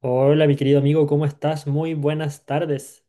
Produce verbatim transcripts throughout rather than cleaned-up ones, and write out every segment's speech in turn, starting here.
Hola, mi querido amigo, ¿cómo estás? Muy buenas tardes.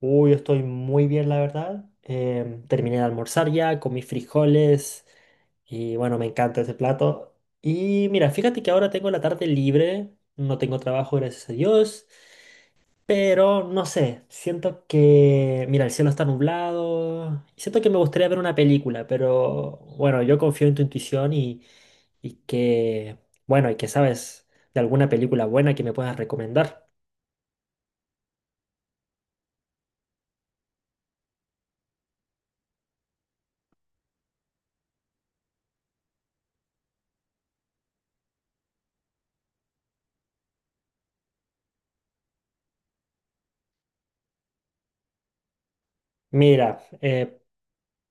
Uy, yo estoy muy bien, la verdad. Em, terminé de almorzar ya con mis frijoles y bueno, me encanta ese plato. Y mira, fíjate que ahora tengo la tarde libre, no tengo trabajo, gracias a Dios, pero no sé, siento que, mira, el cielo está nublado y siento que me gustaría ver una película, pero bueno, yo confío en tu intuición y, y que, bueno, y que sabes de alguna película buena que me puedas recomendar. Mira, eh,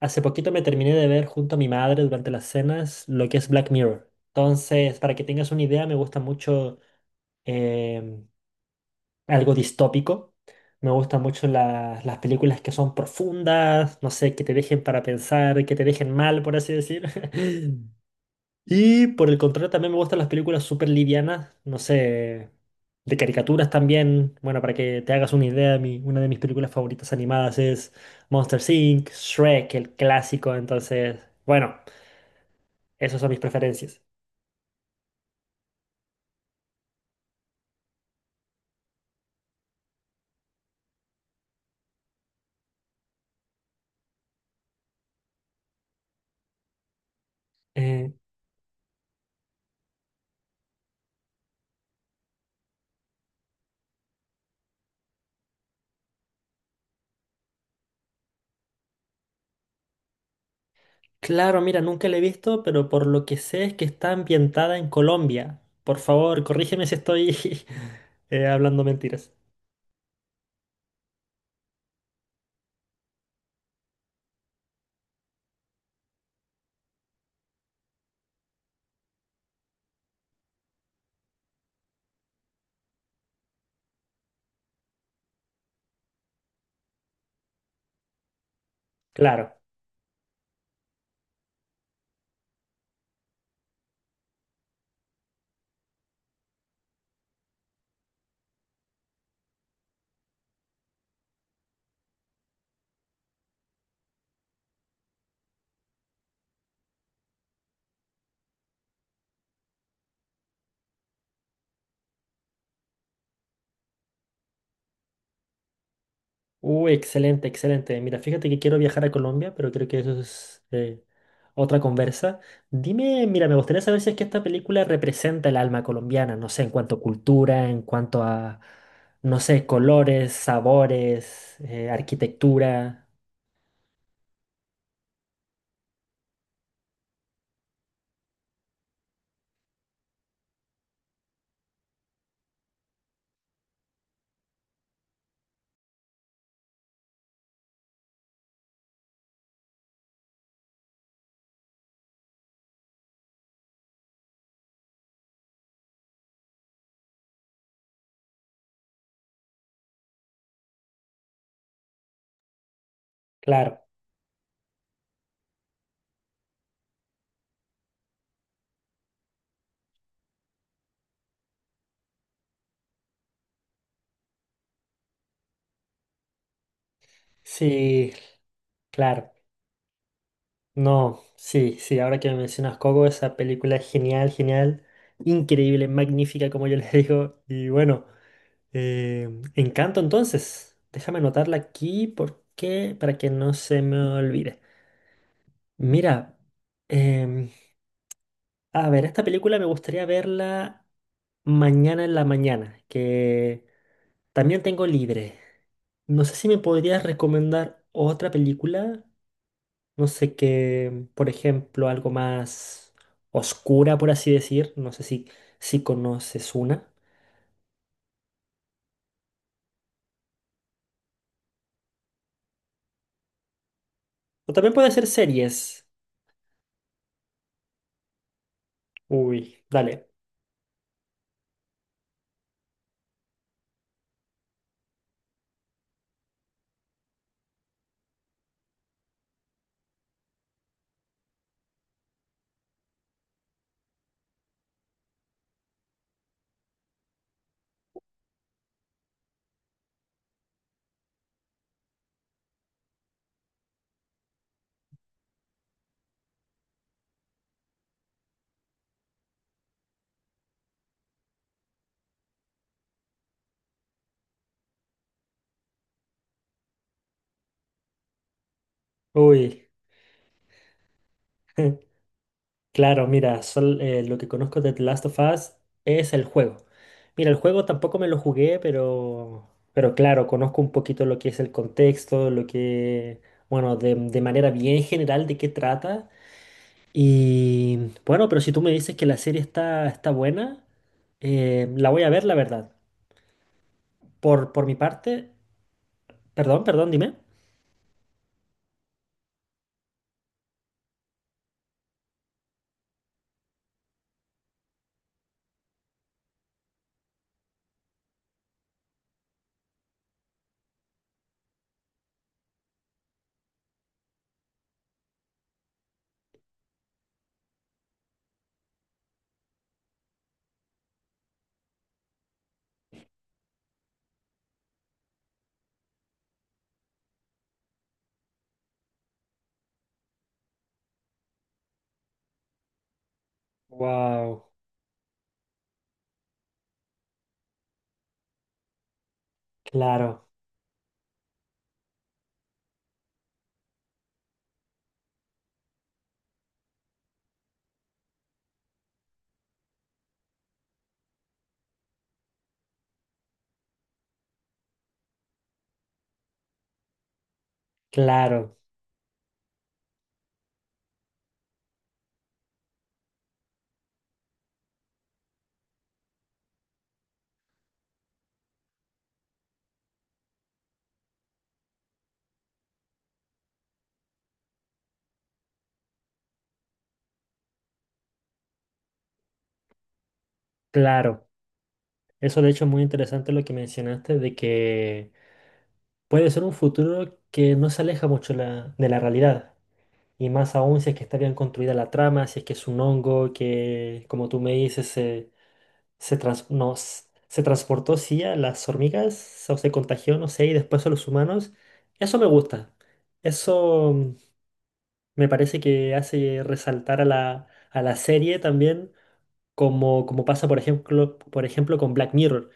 hace poquito me terminé de ver junto a mi madre durante las cenas lo que es Black Mirror. Entonces, para que tengas una idea, me gusta mucho em, algo distópico. Me gustan mucho la- las películas que son profundas, no sé, que te dejen para pensar, que te dejen mal, por así decir. Y por el contrario, también me gustan las películas súper livianas, no sé, de caricaturas también. Bueno, para que te hagas una idea, mi- una de mis películas favoritas animadas es Monsters incorporated, Shrek, el clásico. Entonces, bueno, esas son mis preferencias. Eh, claro, mira, nunca la he visto, pero por lo que sé es que está ambientada en Colombia. Por favor, corrígeme si estoy eh, hablando mentiras. Claro. Uh, excelente, excelente. Mira, fíjate que quiero viajar a Colombia, pero creo que eso es eh, otra conversa. Dime, mira, me gustaría saber si es que esta película representa el alma colombiana, no sé, en cuanto a cultura, en cuanto a, no sé, colores, sabores, eh, arquitectura. Claro, sí, claro. No, sí, sí, ahora que me mencionas Coco, esa película es genial, genial, increíble, magnífica, como yo les digo, y bueno. Eh, Encanto, entonces. Déjame anotarla aquí porque para que no se me olvide. Mira, em, a ver, esta película me gustaría verla mañana en la mañana, que también tengo libre. No sé si me podrías recomendar otra película. No sé qué, por ejemplo, algo más oscura, por así decir. No sé si, si conoces una. O también puede ser series. Uy, dale. Uy. Claro, mira, sol- eh, lo que conozco de The Last of Us es el juego. Mira, el juego tampoco me lo jugué, pero, pero claro, conozco un poquito lo que es el contexto, lo que, bueno, de, de manera bien general de qué trata. Y bueno, pero si tú me dices que la serie está, está buena, eh, la voy a ver, la verdad. Por, por mi parte, perdón, perdón, dime. Wow, claro, claro, claro. Eso de hecho es muy interesante lo que mencionaste de que puede ser un futuro que no se aleja mucho la- de la realidad. Y más aún si es que está bien construida la trama, si es que es un hongo que, como tú me dices, se, se, trans- no, s- se transportó, sí, a las hormigas, o se contagió, no sé, y después a los humanos. Eso me gusta. Eso mm, me parece que hace resaltar a la, a la serie también, como, como pasa, por ejemplo, por ejemplo, con Black Mirror.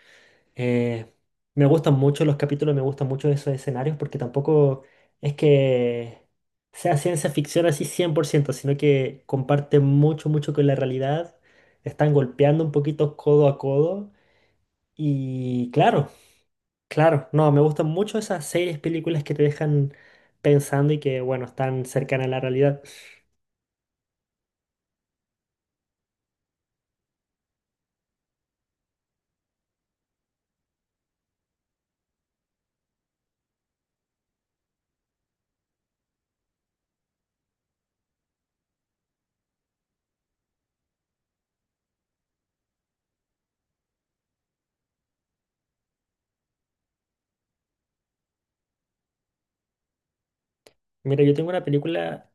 Eh, Me gustan mucho los capítulos, me gustan mucho esos escenarios porque tampoco es que sea ciencia ficción así cien por ciento sino que comparte mucho, mucho con la realidad. Están golpeando un poquito codo a codo. Y claro, claro, no, me gustan mucho esas series, películas que te dejan pensando y que, bueno, están cercanas a la realidad. Mira, yo tengo una película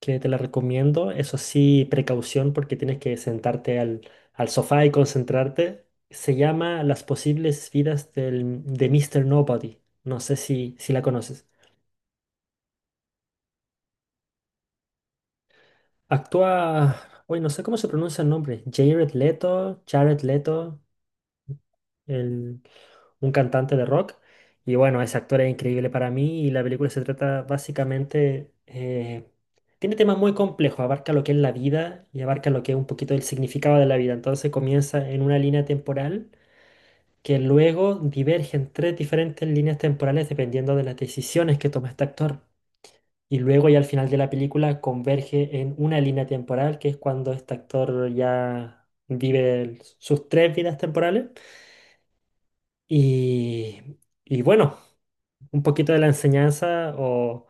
que te la recomiendo. Eso sí, precaución porque tienes que sentarte al, al sofá y concentrarte. Se llama Las posibles vidas del, de mister Nobody. No sé si, si la conoces. Actúa, hoy no sé cómo se pronuncia el nombre. Jared Leto, Jared Leto. el- un cantante de rock. Y bueno, ese actor es increíble para mí y la película se trata básicamente. Eh, tiene temas muy complejos, abarca lo que es la vida y abarca lo que es un poquito el significado de la vida. Entonces comienza en una línea temporal que luego diverge en tres diferentes líneas temporales dependiendo de las decisiones que toma este actor. Y luego ya al final de la película converge en una línea temporal, que es cuando este actor ya vive el- sus tres vidas temporales. Y, y bueno, un poquito de la enseñanza o,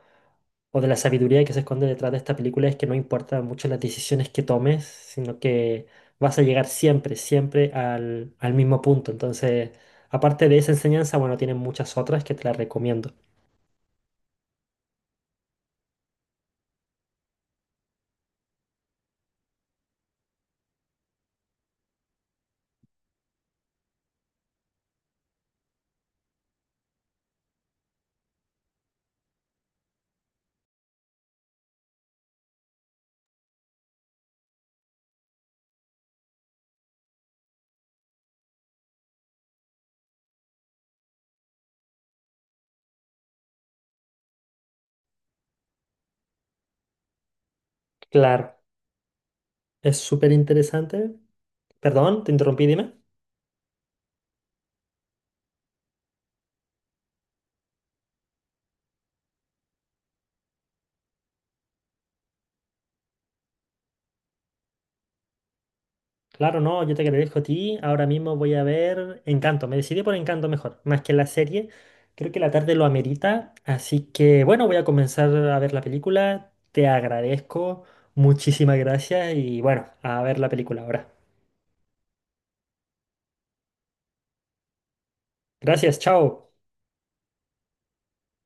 o de la sabiduría que se esconde detrás de esta película es que no importa mucho las decisiones que tomes, sino que vas a llegar siempre, siempre al, al mismo punto. Entonces, aparte de esa enseñanza, bueno, tienen muchas otras que te las recomiendo. Claro, es súper interesante. Perdón, te interrumpí, dime. Claro, no, yo te agradezco a ti. Ahora mismo voy a ver Encanto. Me decidí por Encanto mejor, más que la serie. Creo que la tarde lo amerita. Así que bueno, voy a comenzar a ver la película. Te agradezco. Muchísimas gracias y bueno, a ver la película ahora. Gracias, chao.